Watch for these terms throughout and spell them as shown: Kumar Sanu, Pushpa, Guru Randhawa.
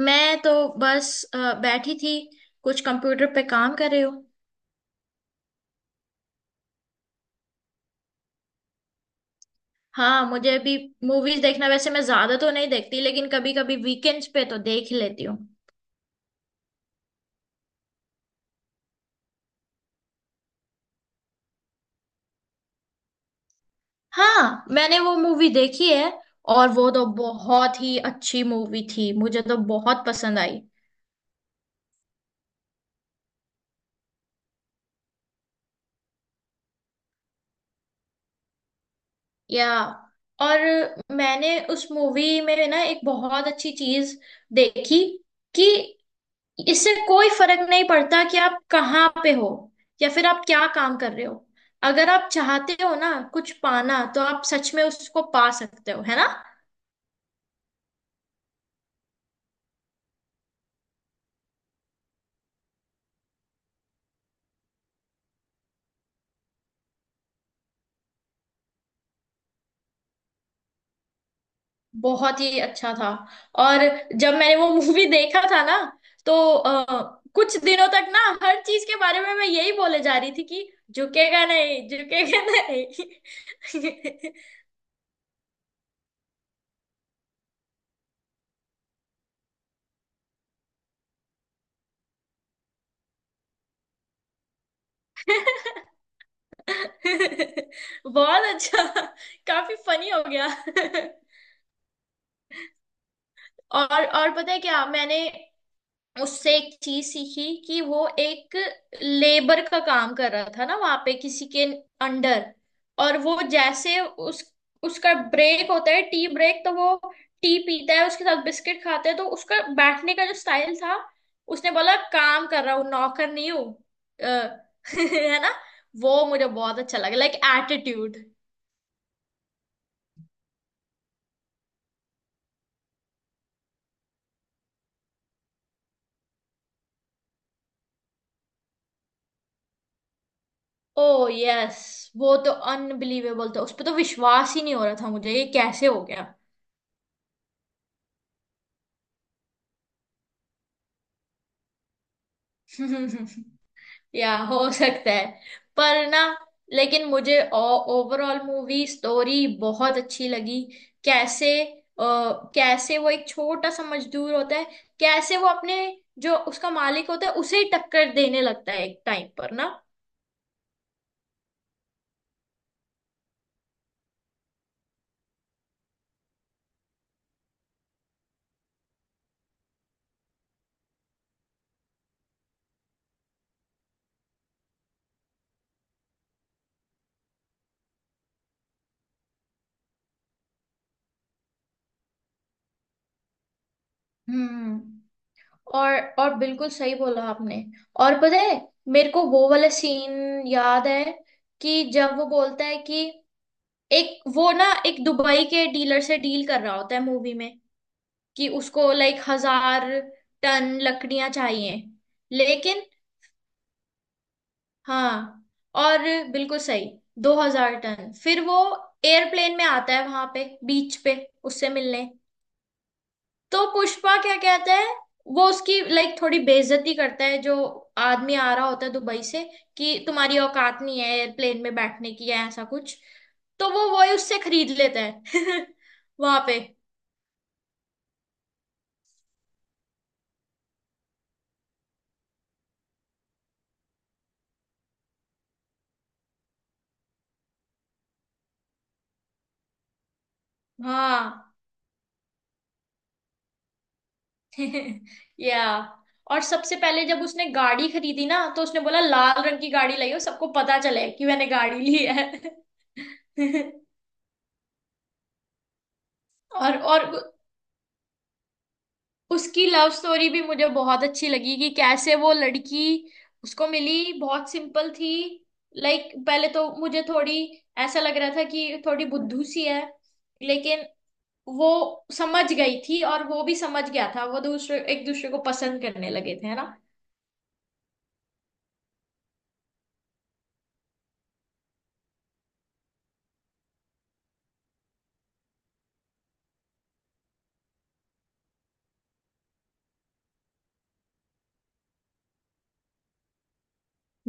मैं तो बस बैठी थी। कुछ कंप्यूटर पे काम कर रही हूँ। हाँ, मुझे भी मूवीज देखना, वैसे मैं ज्यादा तो नहीं देखती लेकिन कभी कभी वीकेंड्स पे तो देख ही लेती हूँ। हाँ, मैंने वो मूवी देखी है। और वो तो बहुत ही अच्छी मूवी थी, मुझे तो बहुत पसंद आई। या, और मैंने उस मूवी में ना एक बहुत अच्छी चीज देखी कि इससे कोई फर्क नहीं पड़ता कि आप कहाँ पे हो या फिर आप क्या काम कर रहे हो। अगर आप चाहते हो ना कुछ पाना, तो आप सच में उसको पा सकते हो, है ना। बहुत ही अच्छा था। और जब मैंने वो मूवी देखा था ना, तो कुछ दिनों तक ना हर चीज के बारे में मैं यही बोले जा रही थी कि झुकेगा नहीं, झुकेगा नहीं। बहुत अच्छा, काफी फनी हो गया। और पता है क्या, मैंने उससे एक चीज सीखी कि वो एक लेबर का काम कर रहा था ना वहां पे किसी के अंडर। और वो जैसे उस उसका ब्रेक होता है, टी ब्रेक, तो वो टी पीता है, उसके साथ बिस्किट खाते हैं। तो उसका बैठने का जो स्टाइल था, उसने बोला काम कर रहा हूँ, नौकर नहीं हूँ, अ, है ना। वो मुझे बहुत अच्छा लगा, लाइक एटीट्यूड। ओ यस, वो तो अनबिलीवेबल था, उस पर तो विश्वास ही नहीं हो रहा था मुझे, ये कैसे हो गया। या हो सकता है, पर ना, लेकिन मुझे ओवरऑल मूवी स्टोरी बहुत अच्छी लगी। कैसे कैसे वो एक छोटा सा मजदूर होता है, कैसे वो अपने जो उसका मालिक होता है उसे ही टक्कर देने लगता है एक टाइम पर, ना। हम्म। और बिल्कुल सही बोला आपने। और पता है, मेरे को वो वाला सीन याद है कि जब वो बोलता है कि एक वो ना एक दुबई के डीलर से डील कर रहा होता है मूवी में कि उसको लाइक 1,000 टन लकड़ियां चाहिए। लेकिन हाँ, और बिल्कुल सही, 2,000 टन, फिर वो एयरप्लेन में आता है वहां पे बीच पे उससे मिलने। तो पुष्पा क्या कहता है, वो उसकी लाइक थोड़ी बेइज्जती करता है, जो आदमी आ रहा होता है दुबई से, कि तुम्हारी औकात नहीं है एयरप्लेन में बैठने की या ऐसा कुछ। तो वो वही उससे खरीद लेता है वहां पे। हाँ। या, और सबसे पहले जब उसने गाड़ी खरीदी ना, तो उसने बोला लाल रंग की गाड़ी लाई हो, सबको पता चले कि मैंने गाड़ी ली है। और और उ- उसकी लव स्टोरी भी मुझे बहुत अच्छी लगी कि कैसे वो लड़की उसको मिली बहुत सिंपल थी। लाइक पहले तो मुझे थोड़ी, ऐसा लग रहा था कि थोड़ी बुद्धू सी है, लेकिन वो समझ गई थी और वो भी समझ गया था, वो दूसरे एक दूसरे को पसंद करने लगे थे, है ना।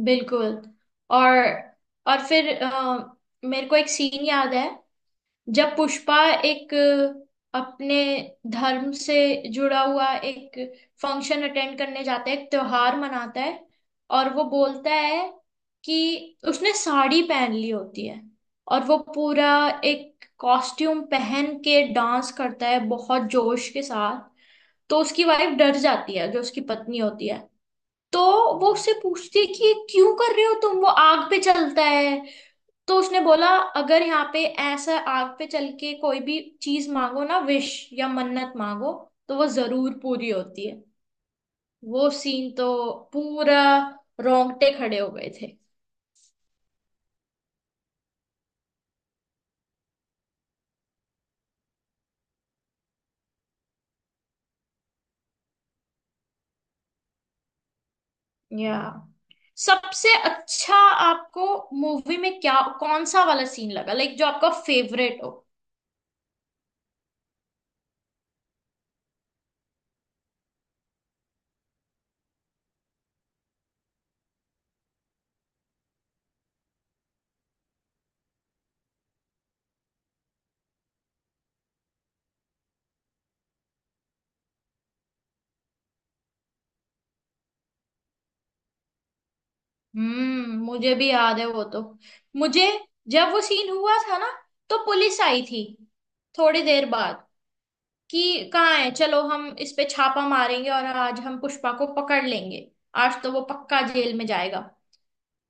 बिल्कुल। और और फिर मेरे को एक सीन याद है जब पुष्पा एक अपने धर्म से जुड़ा हुआ एक फंक्शन अटेंड करने जाता है, एक त्योहार मनाता है। और वो बोलता है कि उसने साड़ी पहन ली होती है और वो पूरा एक कॉस्ट्यूम पहन के डांस करता है बहुत जोश के साथ। तो उसकी वाइफ डर जाती है, जो उसकी पत्नी होती है। तो वो उससे पूछती है कि ये क्यों कर रहे हो तुम, वो आग पे चलता है। तो उसने बोला अगर यहाँ पे ऐसा आग पे चल के कोई भी चीज मांगो ना, विश या मन्नत मांगो, तो वो जरूर पूरी होती है। वो सीन तो पूरा रोंगटे खड़े हो गए थे। या सबसे अच्छा आपको मूवी में क्या, कौन सा वाला सीन लगा, लाइक जो आपका फेवरेट हो। हम्म, मुझे भी याद है वो तो। मुझे, जब वो सीन हुआ था ना, तो पुलिस आई थी थोड़ी देर बाद कि कहाँ है, चलो हम इस पे छापा मारेंगे और आज हम पुष्पा को पकड़ लेंगे, आज तो वो पक्का जेल में जाएगा।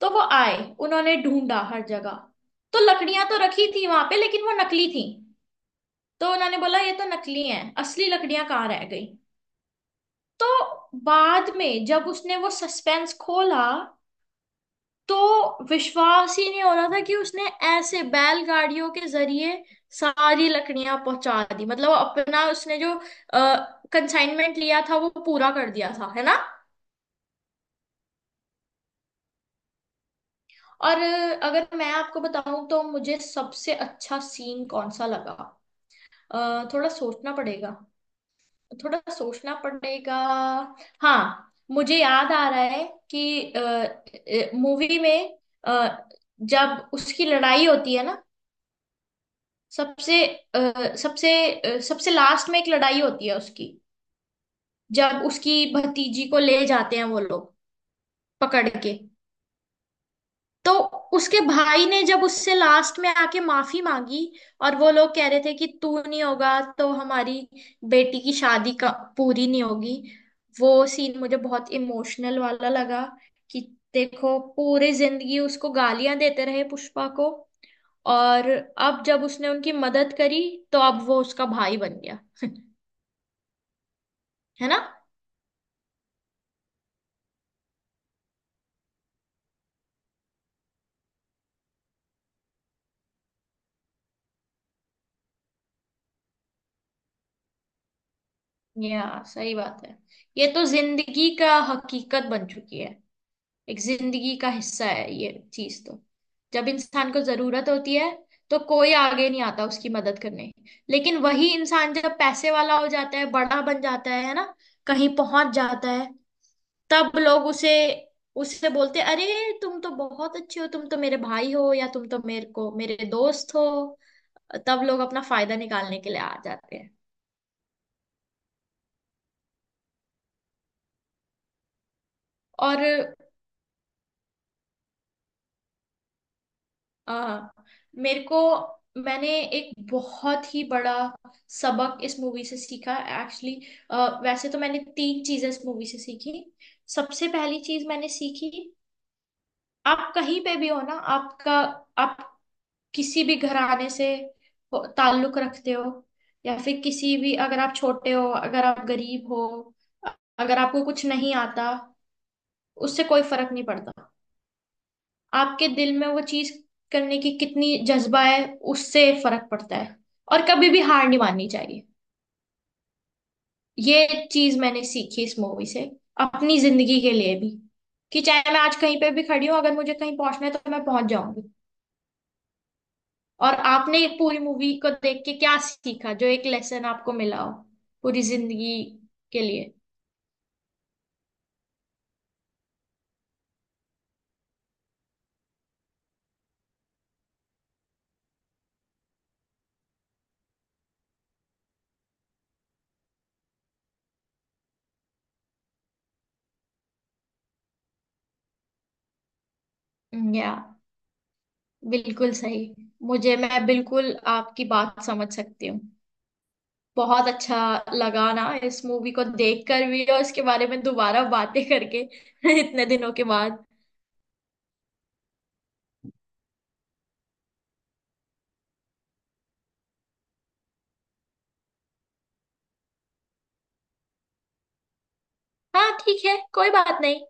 तो वो आए, उन्होंने ढूंढा हर जगह। तो लकड़ियां तो रखी थी वहां पे लेकिन वो नकली थी। तो उन्होंने बोला ये तो नकली हैं, असली लकड़ियां कहाँ रह गई। तो बाद में जब उसने वो सस्पेंस खोला, तो विश्वास ही नहीं हो रहा था कि उसने ऐसे बैलगाड़ियों के जरिए सारी लकड़ियां पहुंचा दी, मतलब अपना उसने जो कंसाइनमेंट लिया था वो पूरा कर दिया था, है ना। और अगर मैं आपको बताऊं तो मुझे सबसे अच्छा सीन कौन सा लगा। थोड़ा सोचना पड़ेगा, थोड़ा सोचना पड़ेगा। हाँ, मुझे याद आ रहा है कि मूवी में अ, जब उसकी लड़ाई होती है ना, सबसे अ, सबसे सबसे लास्ट में एक लड़ाई होती है उसकी, जब उसकी भतीजी को ले जाते हैं वो लोग पकड़ के। तो उसके भाई ने जब उससे लास्ट में आके माफी मांगी, और वो लोग कह रहे थे कि तू नहीं होगा तो हमारी बेटी की शादी का पूरी नहीं होगी। वो सीन मुझे बहुत इमोशनल वाला लगा कि देखो पूरी जिंदगी उसको गालियां देते रहे पुष्पा को, और अब जब उसने उनकी मदद करी, तो अब वो उसका भाई बन गया, है ना। या, सही बात है, ये तो जिंदगी का हकीकत बन चुकी है, एक जिंदगी का हिस्सा है ये चीज तो। जब इंसान को जरूरत होती है तो कोई आगे नहीं आता उसकी मदद करने, लेकिन वही इंसान जब पैसे वाला हो जाता है, बड़ा बन जाता है ना, कहीं पहुंच जाता है, तब लोग उसे उससे बोलते हैं, अरे तुम तो बहुत अच्छे हो, तुम तो मेरे भाई हो, या तुम तो मेरे को मेरे दोस्त हो। तब लोग अपना फायदा निकालने के लिए आ जाते हैं। और हाँ, मेरे को, मैंने एक बहुत ही बड़ा सबक इस मूवी से सीखा एक्चुअली। वैसे तो मैंने तीन चीजें इस मूवी से सीखी। सबसे पहली चीज मैंने सीखी, आप कहीं पे भी हो ना, आपका आप किसी भी घराने से ताल्लुक रखते हो, या फिर किसी भी, अगर आप छोटे हो, अगर आप गरीब हो, अगर आपको कुछ नहीं आता, उससे कोई फर्क नहीं पड़ता। आपके दिल में वो चीज करने की कितनी जज्बा है, उससे फर्क पड़ता है। और कभी भी हार नहीं माननी चाहिए। ये चीज मैंने सीखी इस मूवी से, अपनी जिंदगी के लिए भी, कि चाहे मैं आज कहीं पे भी खड़ी हूँ, अगर मुझे कहीं पहुंचना है तो मैं पहुंच जाऊंगी। और आपने एक पूरी मूवी को देख के क्या सीखा, जो एक लेसन आपको मिला हो पूरी जिंदगी के लिए। या बिल्कुल सही, मुझे, मैं बिल्कुल आपकी बात समझ सकती हूँ। बहुत अच्छा लगा ना इस मूवी को देखकर भी और इसके बारे में दोबारा बातें करके इतने दिनों के बाद। हाँ ठीक है, कोई बात नहीं।